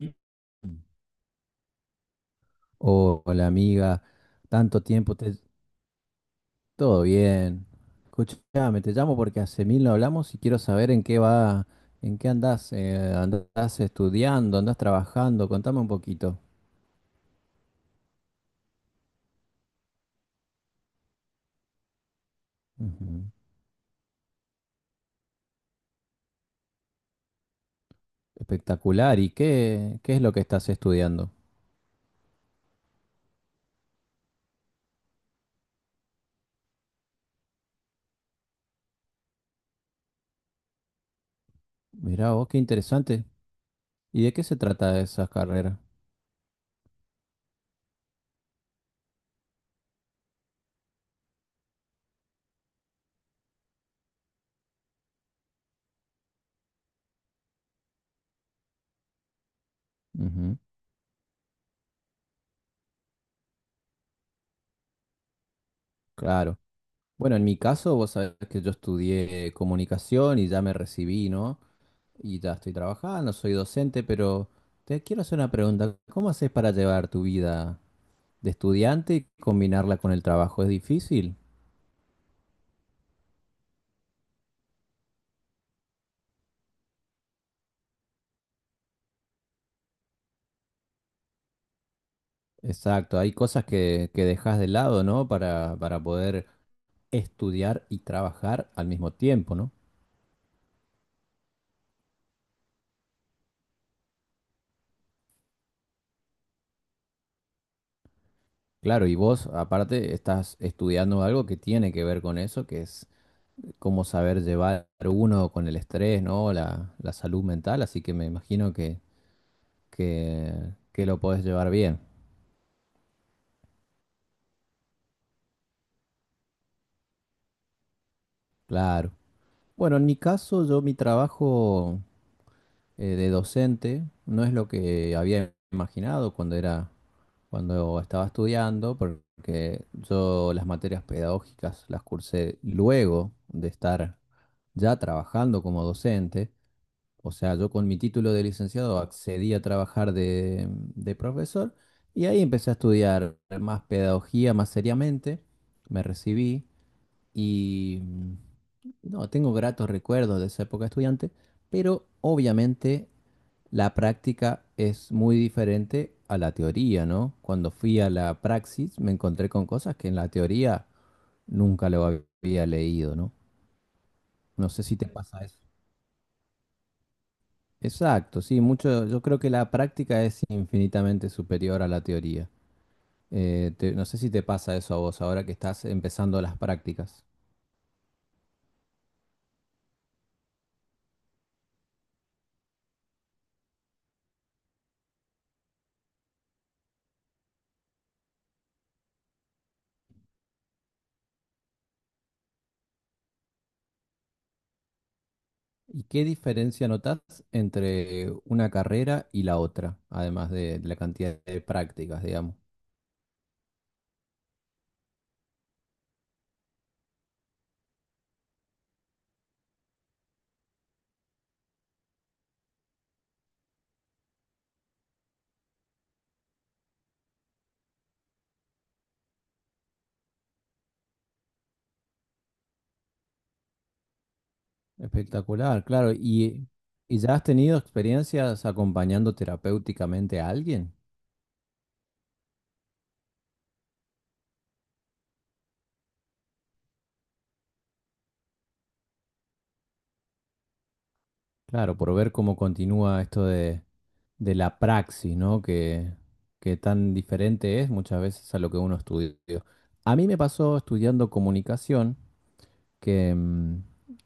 Mm. Oh, hola amiga, tanto tiempo, todo bien. Escuchame, te llamo porque hace mil no hablamos y quiero saber en qué va, en qué andás, andás estudiando, andás trabajando, contame un poquito. Ujú. Espectacular, ¿y qué es lo que estás estudiando? Mirá vos, qué interesante. ¿Y de qué se trata esa carrera? Ujú. Claro. Bueno, en mi caso, vos sabés que yo estudié comunicación y ya me recibí, ¿no? Y ya estoy trabajando, soy docente, pero te quiero hacer una pregunta. ¿Cómo haces para llevar tu vida de estudiante y combinarla con el trabajo? ¿Es difícil? Exacto, hay cosas que dejas de lado, ¿no? Para poder estudiar y trabajar al mismo tiempo, ¿no? Claro, y vos aparte estás estudiando algo que tiene que ver con eso, que es cómo saber llevar uno con el estrés, ¿no? La salud mental, así que me imagino que, que lo podés llevar bien. Claro. Bueno, en mi caso, yo mi trabajo de docente no es lo que había imaginado cuando cuando estaba estudiando, porque yo las materias pedagógicas las cursé luego de estar ya trabajando como docente. O sea, yo con mi título de licenciado accedí a trabajar de profesor y ahí empecé a estudiar más pedagogía más seriamente. Me recibí y no, tengo gratos recuerdos de esa época de estudiante, pero obviamente la práctica es muy diferente a la teoría, ¿no? Cuando fui a la praxis me encontré con cosas que en la teoría nunca lo había leído, ¿no? No sé si te pasa eso. Exacto, sí, mucho, yo creo que la práctica es infinitamente superior a la teoría. No sé si te pasa eso a vos ahora que estás empezando las prácticas. ¿Y qué diferencia notas entre una carrera y la otra, además de la cantidad de prácticas, digamos? Espectacular, claro. ¿ Y ya has tenido experiencias acompañando terapéuticamente a alguien? Claro, por ver cómo continúa esto de la praxis, ¿no? Que tan diferente es muchas veces a lo que uno estudia. A mí me pasó estudiando comunicación que, mm,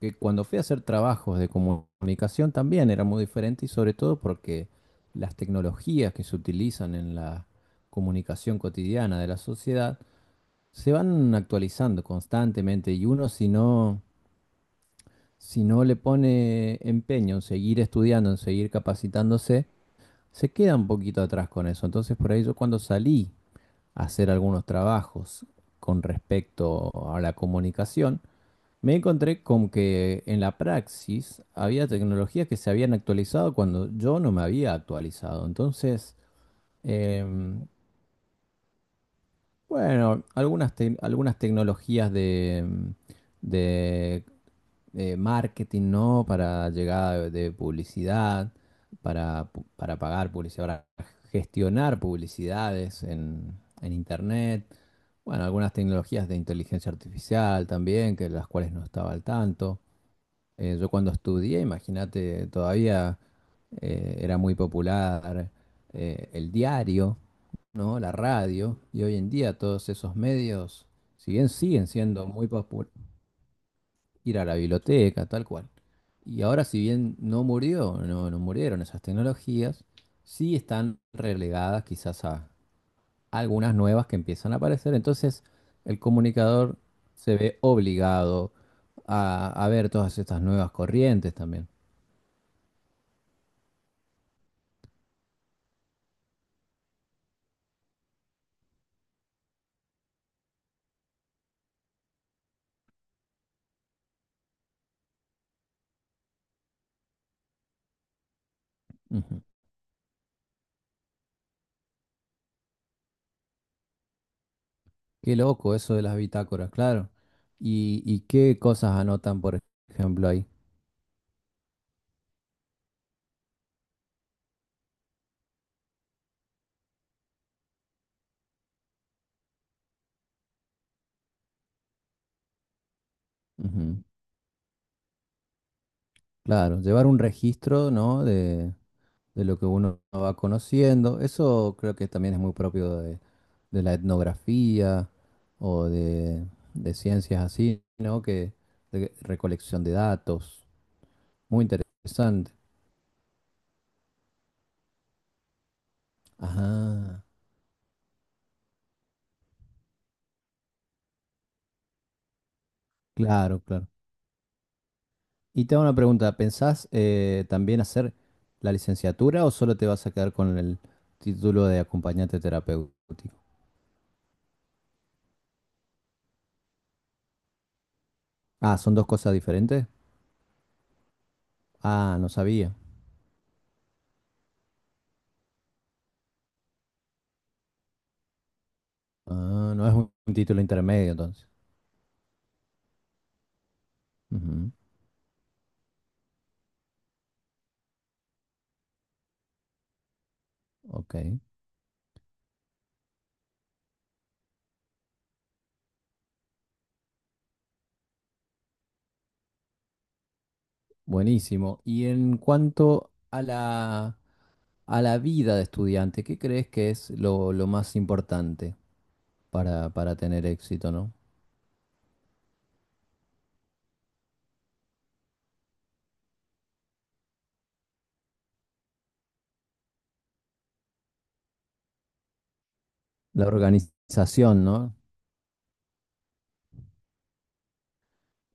que cuando fui a hacer trabajos de comunicación también era muy diferente y sobre todo porque las tecnologías que se utilizan en la comunicación cotidiana de la sociedad se van actualizando constantemente y uno si no le pone empeño en seguir estudiando, en seguir capacitándose, se queda un poquito atrás con eso. Entonces por ahí yo cuando salí a hacer algunos trabajos con respecto a la comunicación, me encontré con que en la praxis había tecnologías que se habían actualizado cuando yo no me había actualizado. Entonces, em, bueno, algunas tecnologías de marketing, ¿no? Para llegada de publicidad, para pagar publicidad, para gestionar publicidades en Internet. Bueno, algunas tecnologías de inteligencia artificial también, que las cuales no estaba al tanto. Yo cuando estudié, imagínate, todavía era muy popular el diario, ¿no? La radio, y hoy en día todos esos medios, si bien siguen siendo muy populares, ir a la biblioteca, tal cual. Y ahora, si bien no murió, no murieron esas tecnologías, sí están relegadas quizás a algunas nuevas que empiezan a aparecer. Entonces, el comunicador se ve obligado a ver todas estas nuevas corrientes también. Ujú. Qué loco eso de las bitácoras, claro. ¿ Y qué cosas anotan, por ejemplo, ahí? Ujú. Claro, llevar un registro, ¿no? De lo que uno va conociendo. Eso creo que también es muy propio de la etnografía o de ciencias así, ¿no? Que de recolección de datos. Muy interesante. Ajá, claro, claro. Y te hago una pregunta, ¿pensás también hacer la licenciatura o solo te vas a quedar con el título de acompañante terapéutico? Ah, ¿son dos cosas diferentes? Ah, no sabía. Ah, no es un título intermedio entonces. Ujú. Ok, buenísimo. Y en cuanto a a la vida de estudiante, ¿qué crees que es lo más importante para tener éxito, ¿no? La organización, ¿no?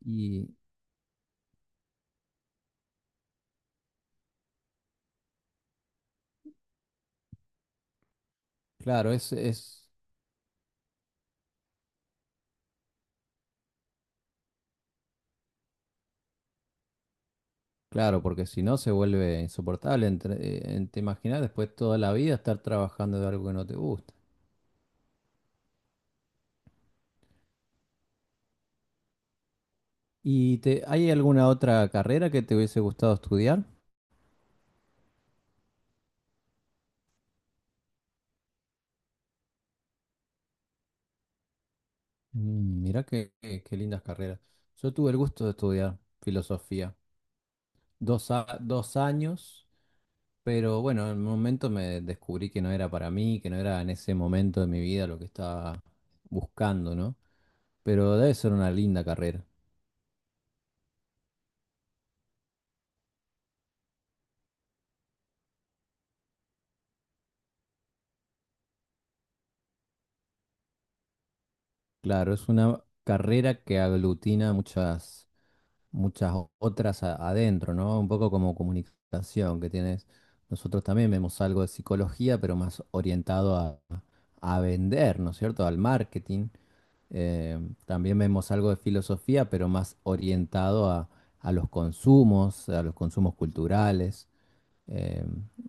Y claro, es claro, porque si no se vuelve insoportable. Te imaginas después toda la vida estar trabajando de algo que no te gusta. ¿Y hay alguna otra carrera que te hubiese gustado estudiar? Mm, mirá qué lindas carreras. Yo tuve el gusto de estudiar filosofía. Dos años, pero bueno, en un momento me descubrí que no era para mí, que no era en ese momento de mi vida lo que estaba buscando, ¿no? Pero debe ser una linda carrera. Claro, es una carrera que aglutina muchas otras adentro, ¿no? Un poco como comunicación que tienes. Nosotros también vemos algo de psicología, pero más orientado a vender, ¿no es cierto? Al marketing. Eh, También vemos algo de filosofía, pero más orientado a los consumos culturales. Eh,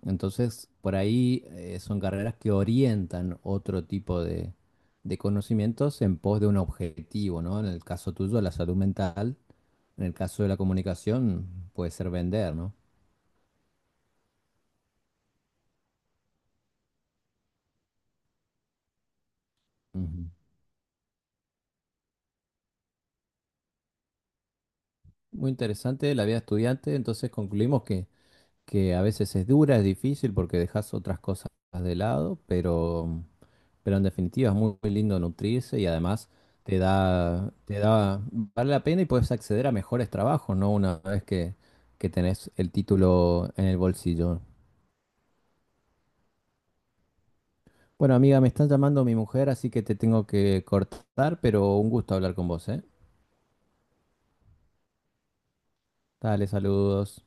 entonces, por ahí son carreras que orientan otro tipo de conocimientos en pos de un objetivo, ¿no? En el caso tuyo, la salud mental, en el caso de la comunicación, puede ser vender, ¿no? Ujú. Muy interesante la vida estudiante, entonces concluimos que a veces es dura, es difícil porque dejas otras cosas de lado, pero en definitiva es muy, muy lindo nutrirse y además te da, vale la pena y puedes acceder a mejores trabajos, ¿no? Una vez que tenés el título en el bolsillo. Bueno, amiga, me están llamando mi mujer, así que te tengo que cortar, pero un gusto hablar con vos, ¿eh? Dale, saludos.